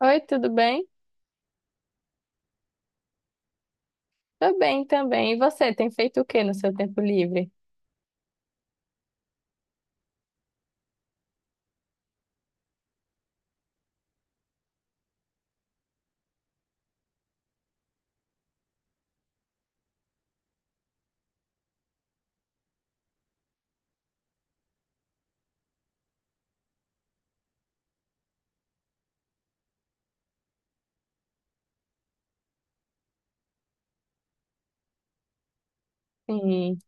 Oi, tudo bem? Tô bem também. E você, tem feito o que no seu tempo livre? Sim.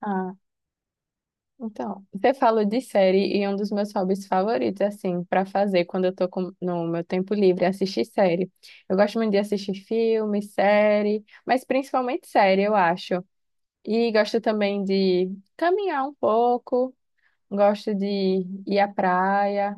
Ah, então, você falou de série e um dos meus hobbies favoritos, assim, pra fazer quando no meu tempo livre, é assistir série. Eu gosto muito de assistir filme, série, mas principalmente série, eu acho. E gosto também de caminhar um pouco, gosto de ir à praia.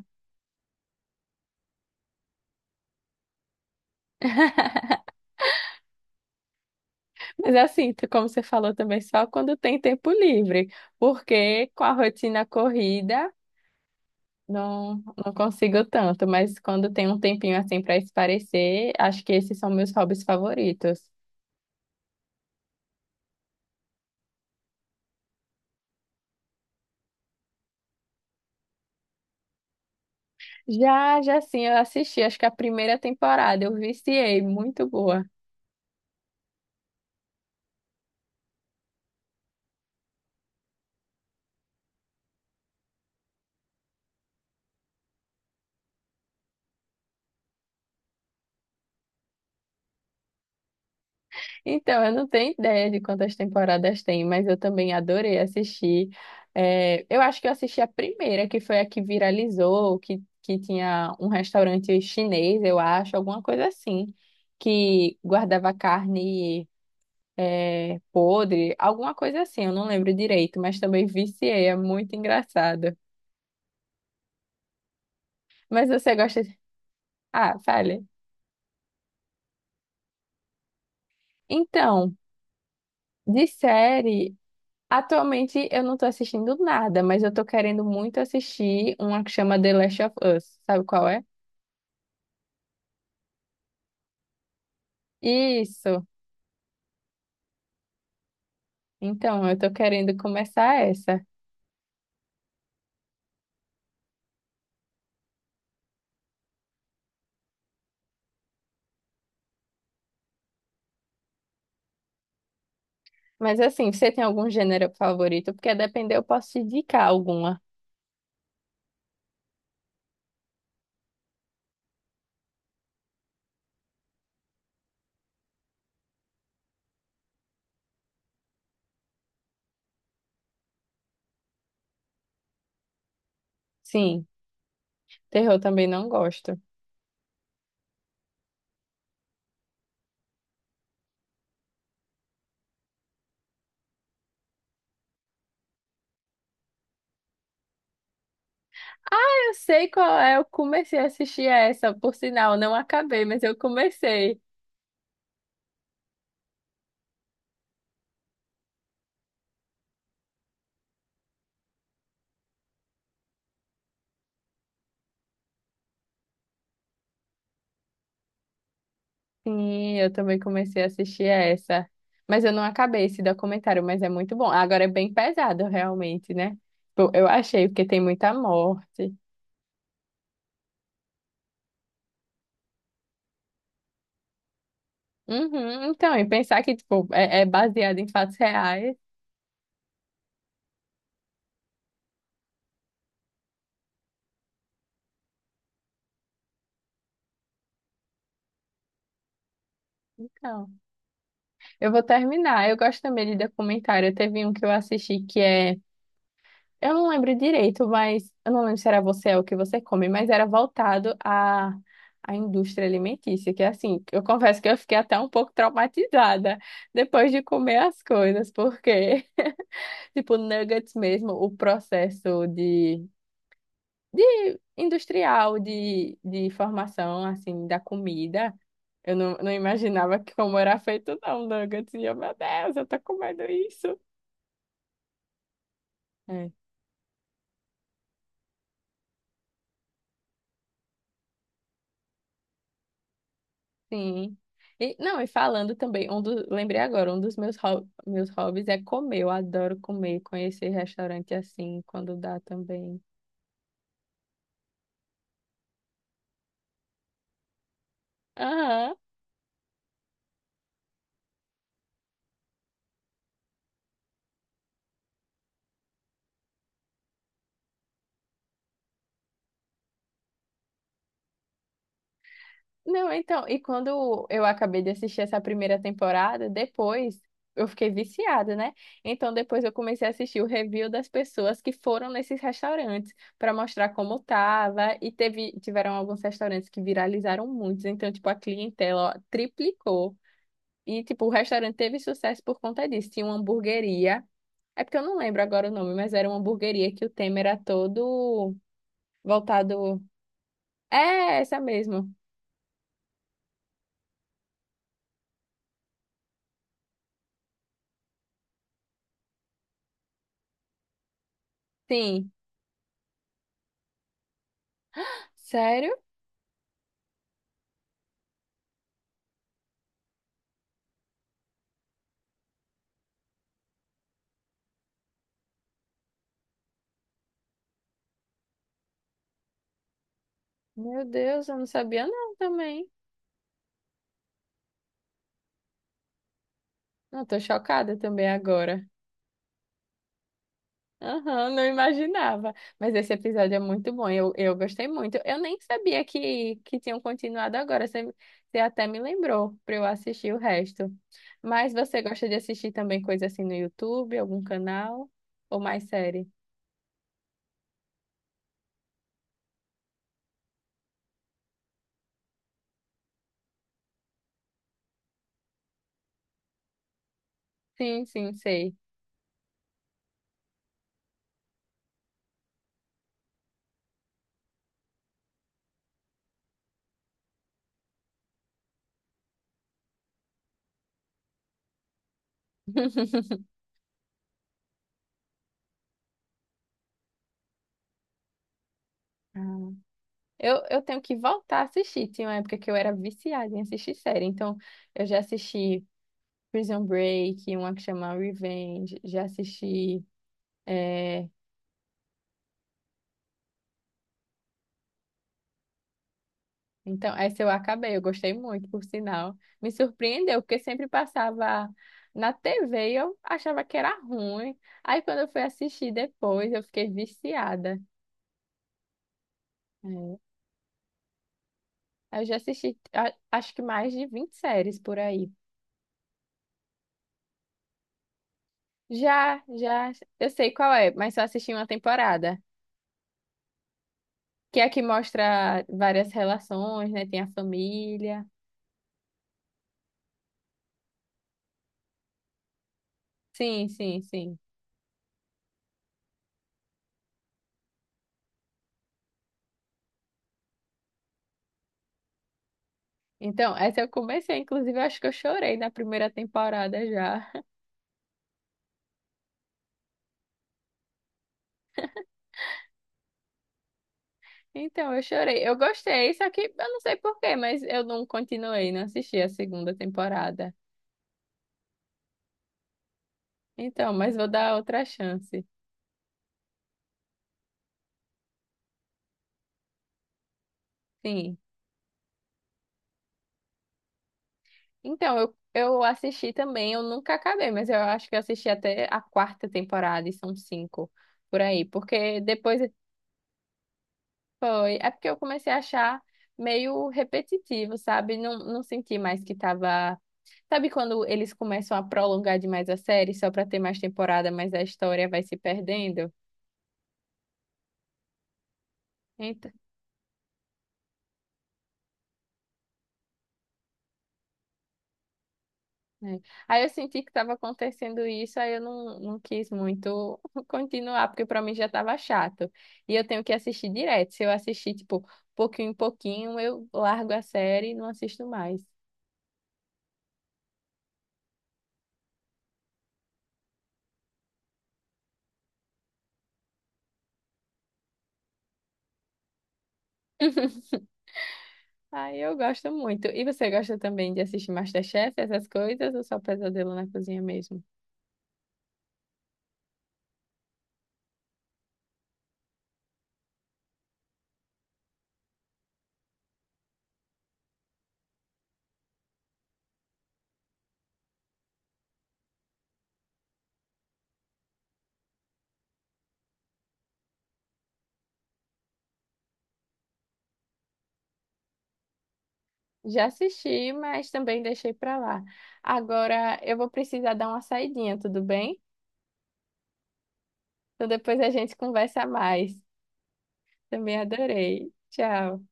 Mas assim, como você falou também, só quando tem tempo livre, porque com a rotina corrida. Não, não consigo tanto, mas quando tem um tempinho assim para espairecer, acho que esses são meus hobbies favoritos. Já, já sim, eu assisti, acho que a 1ª temporada, eu viciei, muito boa. Então, eu não tenho ideia de quantas temporadas tem, mas eu também adorei assistir. É, eu acho que eu assisti a primeira, que foi a que viralizou, que tinha um restaurante chinês, eu acho, alguma coisa assim, que guardava carne. É, podre, alguma coisa assim, eu não lembro direito, mas também viciei, é muito engraçado. Mas você gosta de... Ah, fale. Então, de série, atualmente eu não tô assistindo nada, mas eu tô querendo muito assistir uma que chama The Last of Us, sabe qual é? Isso. Então, eu tô querendo começar essa. Mas assim, você tem algum gênero favorito? Porque a depender eu posso te indicar alguma. Sim, terror também não gosto. Eu sei qual é, eu comecei a assistir essa, por sinal, não acabei, mas eu comecei. Sim, eu também comecei a assistir essa. Mas eu não acabei esse documentário, mas é muito bom. Agora é bem pesado, realmente, né? Tipo, eu achei, porque tem muita morte. Uhum, então, e pensar que, tipo, é baseado em fatos reais. Então, eu vou terminar. Eu gosto também de documentário. Teve um que eu assisti que é, eu não lembro direito, mas eu não lembro se era você ou o que você come, mas era voltado à indústria alimentícia, que é assim, eu confesso que eu fiquei até um pouco traumatizada depois de comer as coisas, porque, tipo, nuggets mesmo, de industrial, de formação, assim, da comida, eu não, não imaginava que como era feito, não, nuggets, e eu, meu Deus, eu tô comendo isso. Sim. E, não, e falando também, um do, lembrei agora, um dos meus, meus hobbies é comer. Eu adoro comer, conhecer restaurante assim, quando dá também. Aham. Não, então, e quando eu acabei de assistir essa 1ª temporada, depois eu fiquei viciada, né? Então depois eu comecei a assistir o review das pessoas que foram nesses restaurantes para mostrar como tava. E teve, tiveram alguns restaurantes que viralizaram muitos, então, tipo, a clientela, ó, triplicou. E, tipo, o restaurante teve sucesso por conta disso. Tinha uma hamburgueria. É porque eu não lembro agora o nome, mas era uma hamburgueria que o tema era todo voltado. É, essa mesmo. Sim. Sério? Meu Deus, eu não sabia não também. Não, tô chocada também agora. Aham, não imaginava. Mas esse episódio é muito bom, eu gostei muito. Eu nem sabia que tinham continuado agora, você, você até me lembrou para eu assistir o resto. Mas você gosta de assistir também coisa assim no YouTube, algum canal? Ou mais série? Sim, sim, sei. Ah, eu tenho que voltar a assistir. Tinha uma época que eu era viciada em assistir série. Então, eu já assisti Prison Break, uma que chama Revenge, já assisti. eh, Então, essa eu acabei, eu gostei muito, por sinal. Me surpreendeu, porque sempre passava na TV e eu achava que era ruim. Aí, quando eu fui assistir depois, eu fiquei viciada. É. Eu já assisti, acho que mais de 20 séries por aí. Já, já, eu sei qual é, mas só assisti uma temporada. Que é a que mostra várias relações, né? Tem a família. Sim, sim, sim. Então, essa eu comecei, inclusive, eu acho que eu chorei na 1ª temporada já. Então, eu chorei. Eu gostei, só que eu não sei por quê, mas eu não continuei, não assisti a 2ª temporada. Então, mas vou dar outra chance. Sim. Então, eu assisti também, eu nunca acabei, mas eu acho que eu assisti até a 4ª temporada, e são cinco por aí. Porque depois foi. É porque eu comecei a achar meio repetitivo, sabe? Não senti mais que tava. Sabe quando eles começam a prolongar demais a série só pra ter mais temporada, mas a história vai se perdendo? Ent- né? Aí eu senti que estava acontecendo isso, aí eu não, não quis muito continuar, porque para mim já estava chato. E eu tenho que assistir direto. Se eu assistir, tipo, pouquinho em pouquinho, eu largo a série e não assisto mais. Aí eu gosto muito. E você gosta também de assistir MasterChef, essas coisas, ou só Pesadelo na Cozinha mesmo? Já assisti, mas também deixei para lá. Agora eu vou precisar dar uma saidinha, tudo bem? Então depois a gente conversa mais. Também adorei. Tchau.